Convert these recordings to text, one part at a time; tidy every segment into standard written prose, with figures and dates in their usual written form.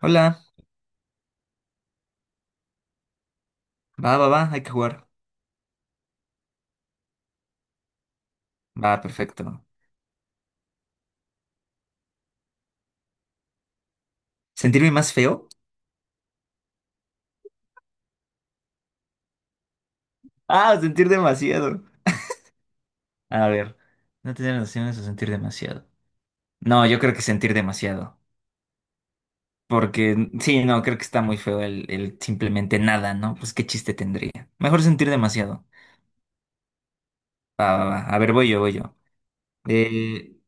Hola, va, va, va, hay que jugar. Va, perfecto. ¿Sentirme más feo? Ah, sentir demasiado. A ver, no tener nociones o sentir demasiado. No, yo creo que sentir demasiado. Porque, sí, no, creo que está muy feo el simplemente nada, ¿no? Pues qué chiste tendría. Mejor sentir demasiado. Va, va, va. A ver, voy yo, voy yo. Eh,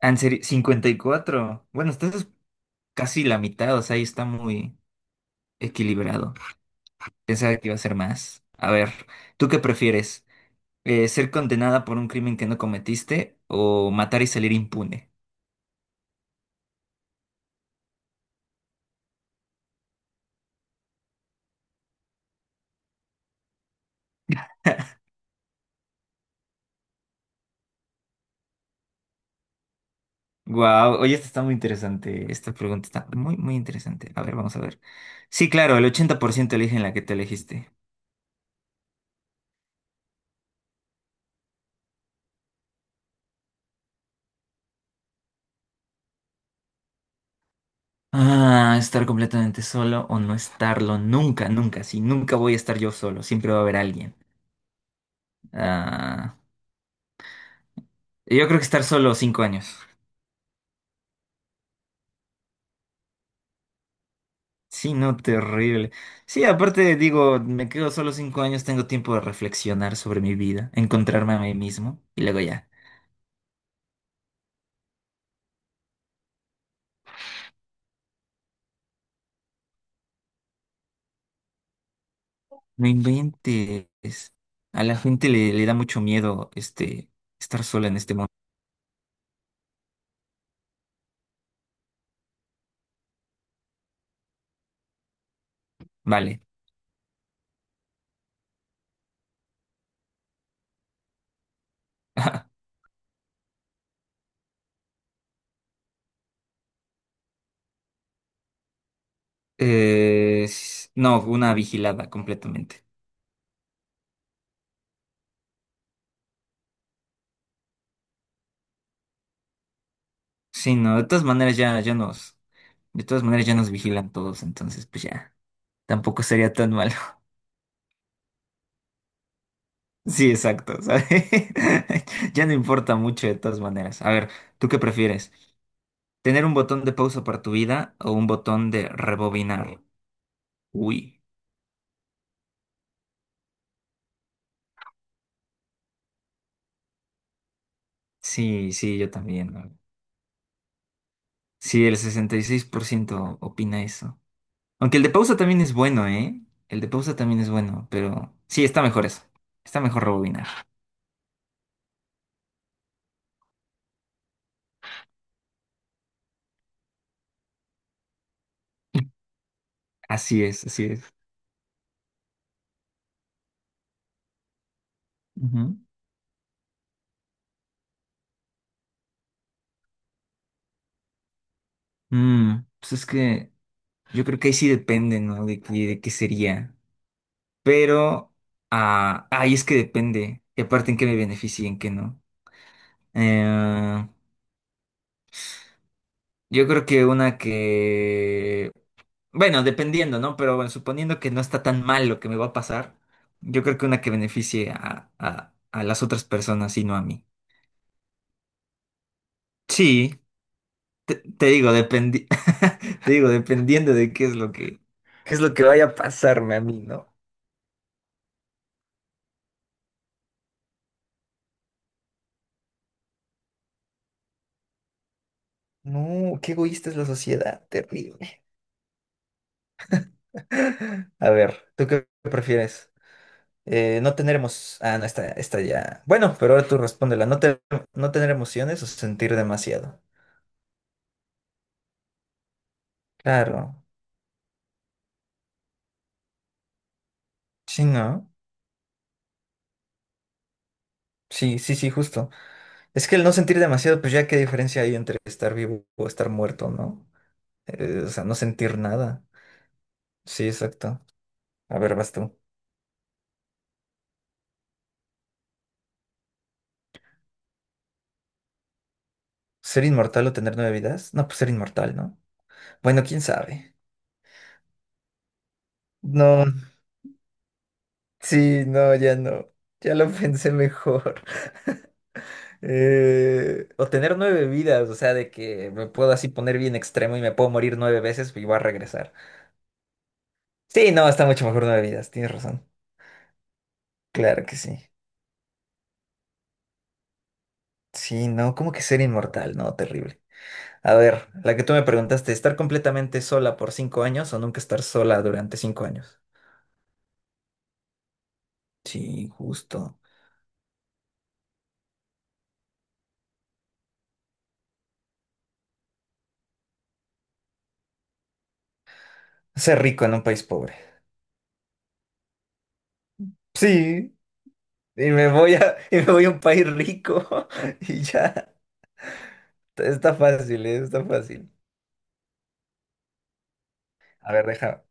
en serio, 54. Bueno, estás casi la mitad, o sea, ahí está muy equilibrado. Pensaba que iba a ser más. A ver, ¿tú qué prefieres? Ser condenada por un crimen que no cometiste o matar y salir impune. Wow, oye, esta está muy interesante. Esta pregunta está muy, muy interesante. A ver, vamos a ver. Sí, claro, el 80% eligen la que te elegiste. Ah, estar completamente solo o no estarlo nunca, nunca. Sí, nunca voy a estar yo solo. Siempre va a haber alguien. Ah, yo creo que estar solo 5 años. Sí, no, terrible. Sí, aparte digo, me quedo solo 5 años, tengo tiempo de reflexionar sobre mi vida, encontrarme a mí mismo y luego ya. No inventes. A la gente le da mucho miedo este estar sola en este mundo. Vale. No, una vigilada completamente. Sí, no, de todas maneras de todas maneras ya nos vigilan todos, entonces pues ya, tampoco sería tan malo. Sí, exacto, ¿sabes? Ya no importa mucho de todas maneras. A ver, ¿tú qué prefieres? ¿Tener un botón de pausa para tu vida o un botón de rebobinar? Uy, sí, sí, yo también. Sí, el 66% opina eso. Aunque el de pausa también es bueno, ¿eh? El de pausa también es bueno, pero sí, está mejor eso. Está mejor rebobinar. Así es, así es. Ujú. Pues es que yo creo que ahí sí depende, ¿no? De qué sería. Pero, ahí es que depende. Y aparte en qué me beneficie y en qué no. Eh, yo creo que una que... Bueno, dependiendo, ¿no? Pero bueno, suponiendo que no está tan mal lo que me va a pasar, yo creo que una que beneficie a las otras personas y no a mí. Sí, te digo, dependi te digo, dependiendo de qué es lo que... ¿Qué es lo que vaya a pasarme a mí, no? No, qué egoísta es la sociedad, terrible. A ver, ¿tú qué prefieres? No tener emociones. Ah, no, esta ya. Bueno, pero ahora tú respóndela. ¿No, no tener emociones o sentir demasiado? Claro. Sí, ¿no? Sí, sí, sí, justo. Es que el no sentir demasiado, pues ya qué diferencia hay entre estar vivo o estar muerto, ¿no? O sea, no sentir nada. Sí, exacto. A ver, vas tú. ¿Ser inmortal o tener nueve vidas? No, pues ser inmortal, ¿no? Bueno, quién sabe. No, sí, no, ya no. Ya lo pensé mejor. O tener nueve vidas, o sea, de que me puedo así poner bien extremo y me puedo morir nueve veces y voy a regresar. Sí, no, está mucho mejor nueve vidas, tienes razón. Claro que sí. Sí, no, como que ser inmortal, no, terrible. A ver, la que tú me preguntaste, ¿estar completamente sola por 5 años o nunca estar sola durante 5 años? Sí, justo. Ser rico en un país pobre. Sí, y me voy a, y me voy a un país rico y ya. Está fácil, está fácil. A ver, deja.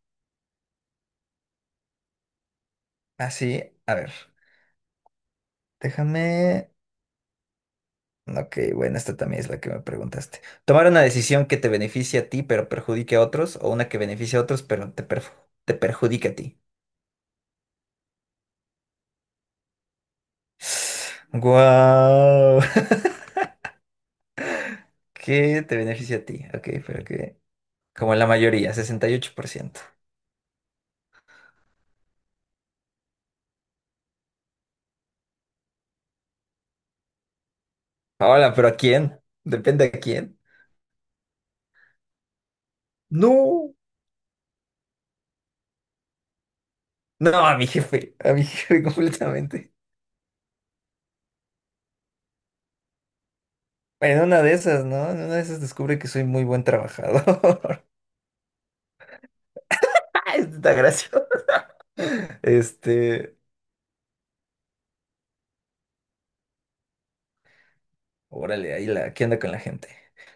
Así, a ver. Déjame. Ok, bueno, esta también es la que me preguntaste. Tomar una decisión que te beneficie a ti pero perjudique a otros o una que beneficie a otros pero te perjudique a ti. ¡Guau! ¿Qué te beneficia a ti? Ok, pero que... Como la mayoría, 68%. Hola, pero ¿a quién? Depende a quién. No, no, a mi jefe completamente. Bueno, en una de esas, ¿no? En una de esas descubre que soy muy buen trabajador. ¡Ah, esto está gracioso! Este, órale, ahí la, ¿qué onda con la gente?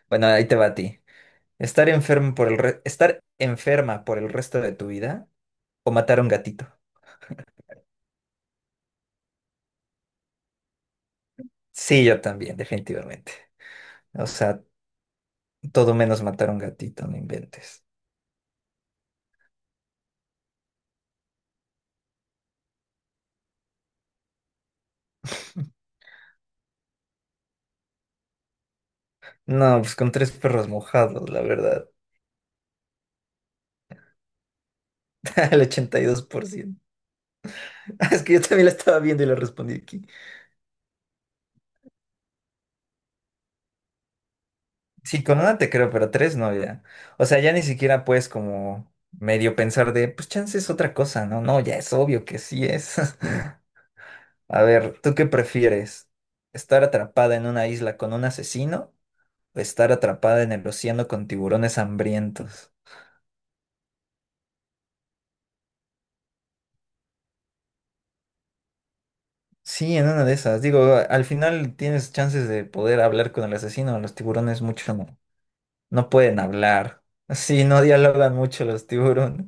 Bueno, ahí te va a ti. Estar enferma por el resto de tu vida o matar a un gatito. Sí, yo también, definitivamente. O sea, todo menos matar a un gatito, no inventes. No, pues con tres perros mojados, la verdad. El 82%. Es que yo también la estaba viendo y la respondí aquí. Sí, con una te creo, pero tres no, ya. O sea, ya ni siquiera puedes como medio pensar de, pues chance es otra cosa, ¿no? No, ya es obvio que sí es. A ver, ¿tú qué prefieres? ¿Estar atrapada en una isla con un asesino o estar atrapada en el océano con tiburones hambrientos? Sí, en una de esas. Digo, al final tienes chances de poder hablar con el asesino. Los tiburones mucho no, no pueden hablar. Sí, no dialogan mucho los tiburones.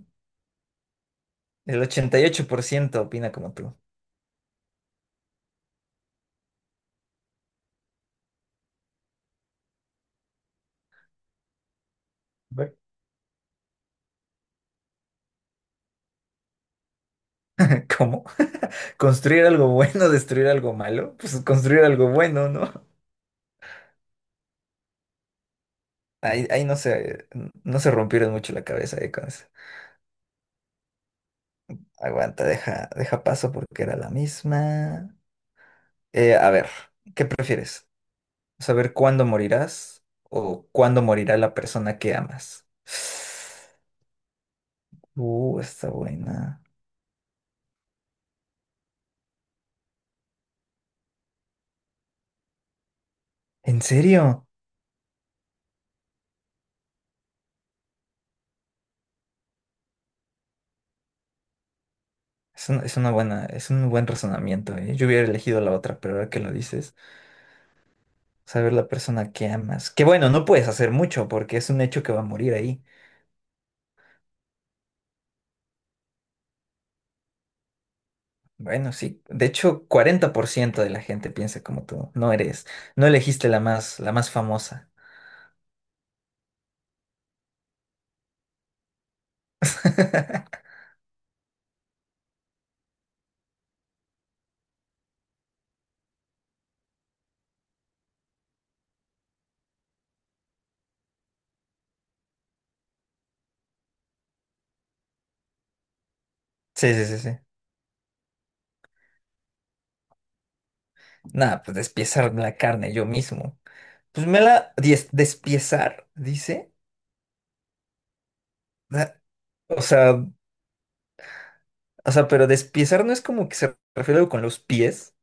El 88% opina como tú. Ve. ¿Cómo? ¿Construir algo bueno, destruir algo malo? Pues construir algo bueno, ¿no? Ahí no se rompieron mucho la cabeza con eso. Aguanta, deja paso porque era la misma. A ver, ¿qué prefieres? Saber cuándo morirás o cuándo morirá la persona que amas. Está buena. ¿En serio? Es un buen razonamiento, ¿eh? Yo hubiera elegido la otra, pero ahora que lo dices, saber la persona que amas. Que bueno, no puedes hacer mucho porque es un hecho que va a morir ahí. Bueno, sí. De hecho, 40% de la gente piensa como tú. No elegiste la más famosa. Sí, sí, sí, sí. Nada, pues despiezar la carne yo mismo. Pues despiezar, dice. Da- O sea, pero despiezar no es como que se refiere a algo con los pies.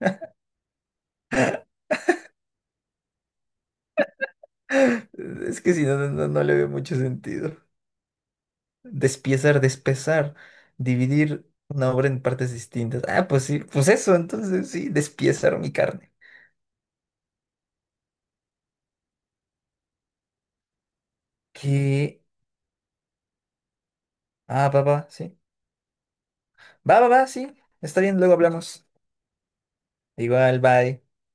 Es que si no le veo mucho sentido. Despiezar, despezar, dividir una obra en partes distintas. Ah, pues sí, pues eso, entonces sí, despiezar mi carne. Que. Ah, va, va, sí. Va, va, va, sí. Está bien, luego hablamos. Igual, bye.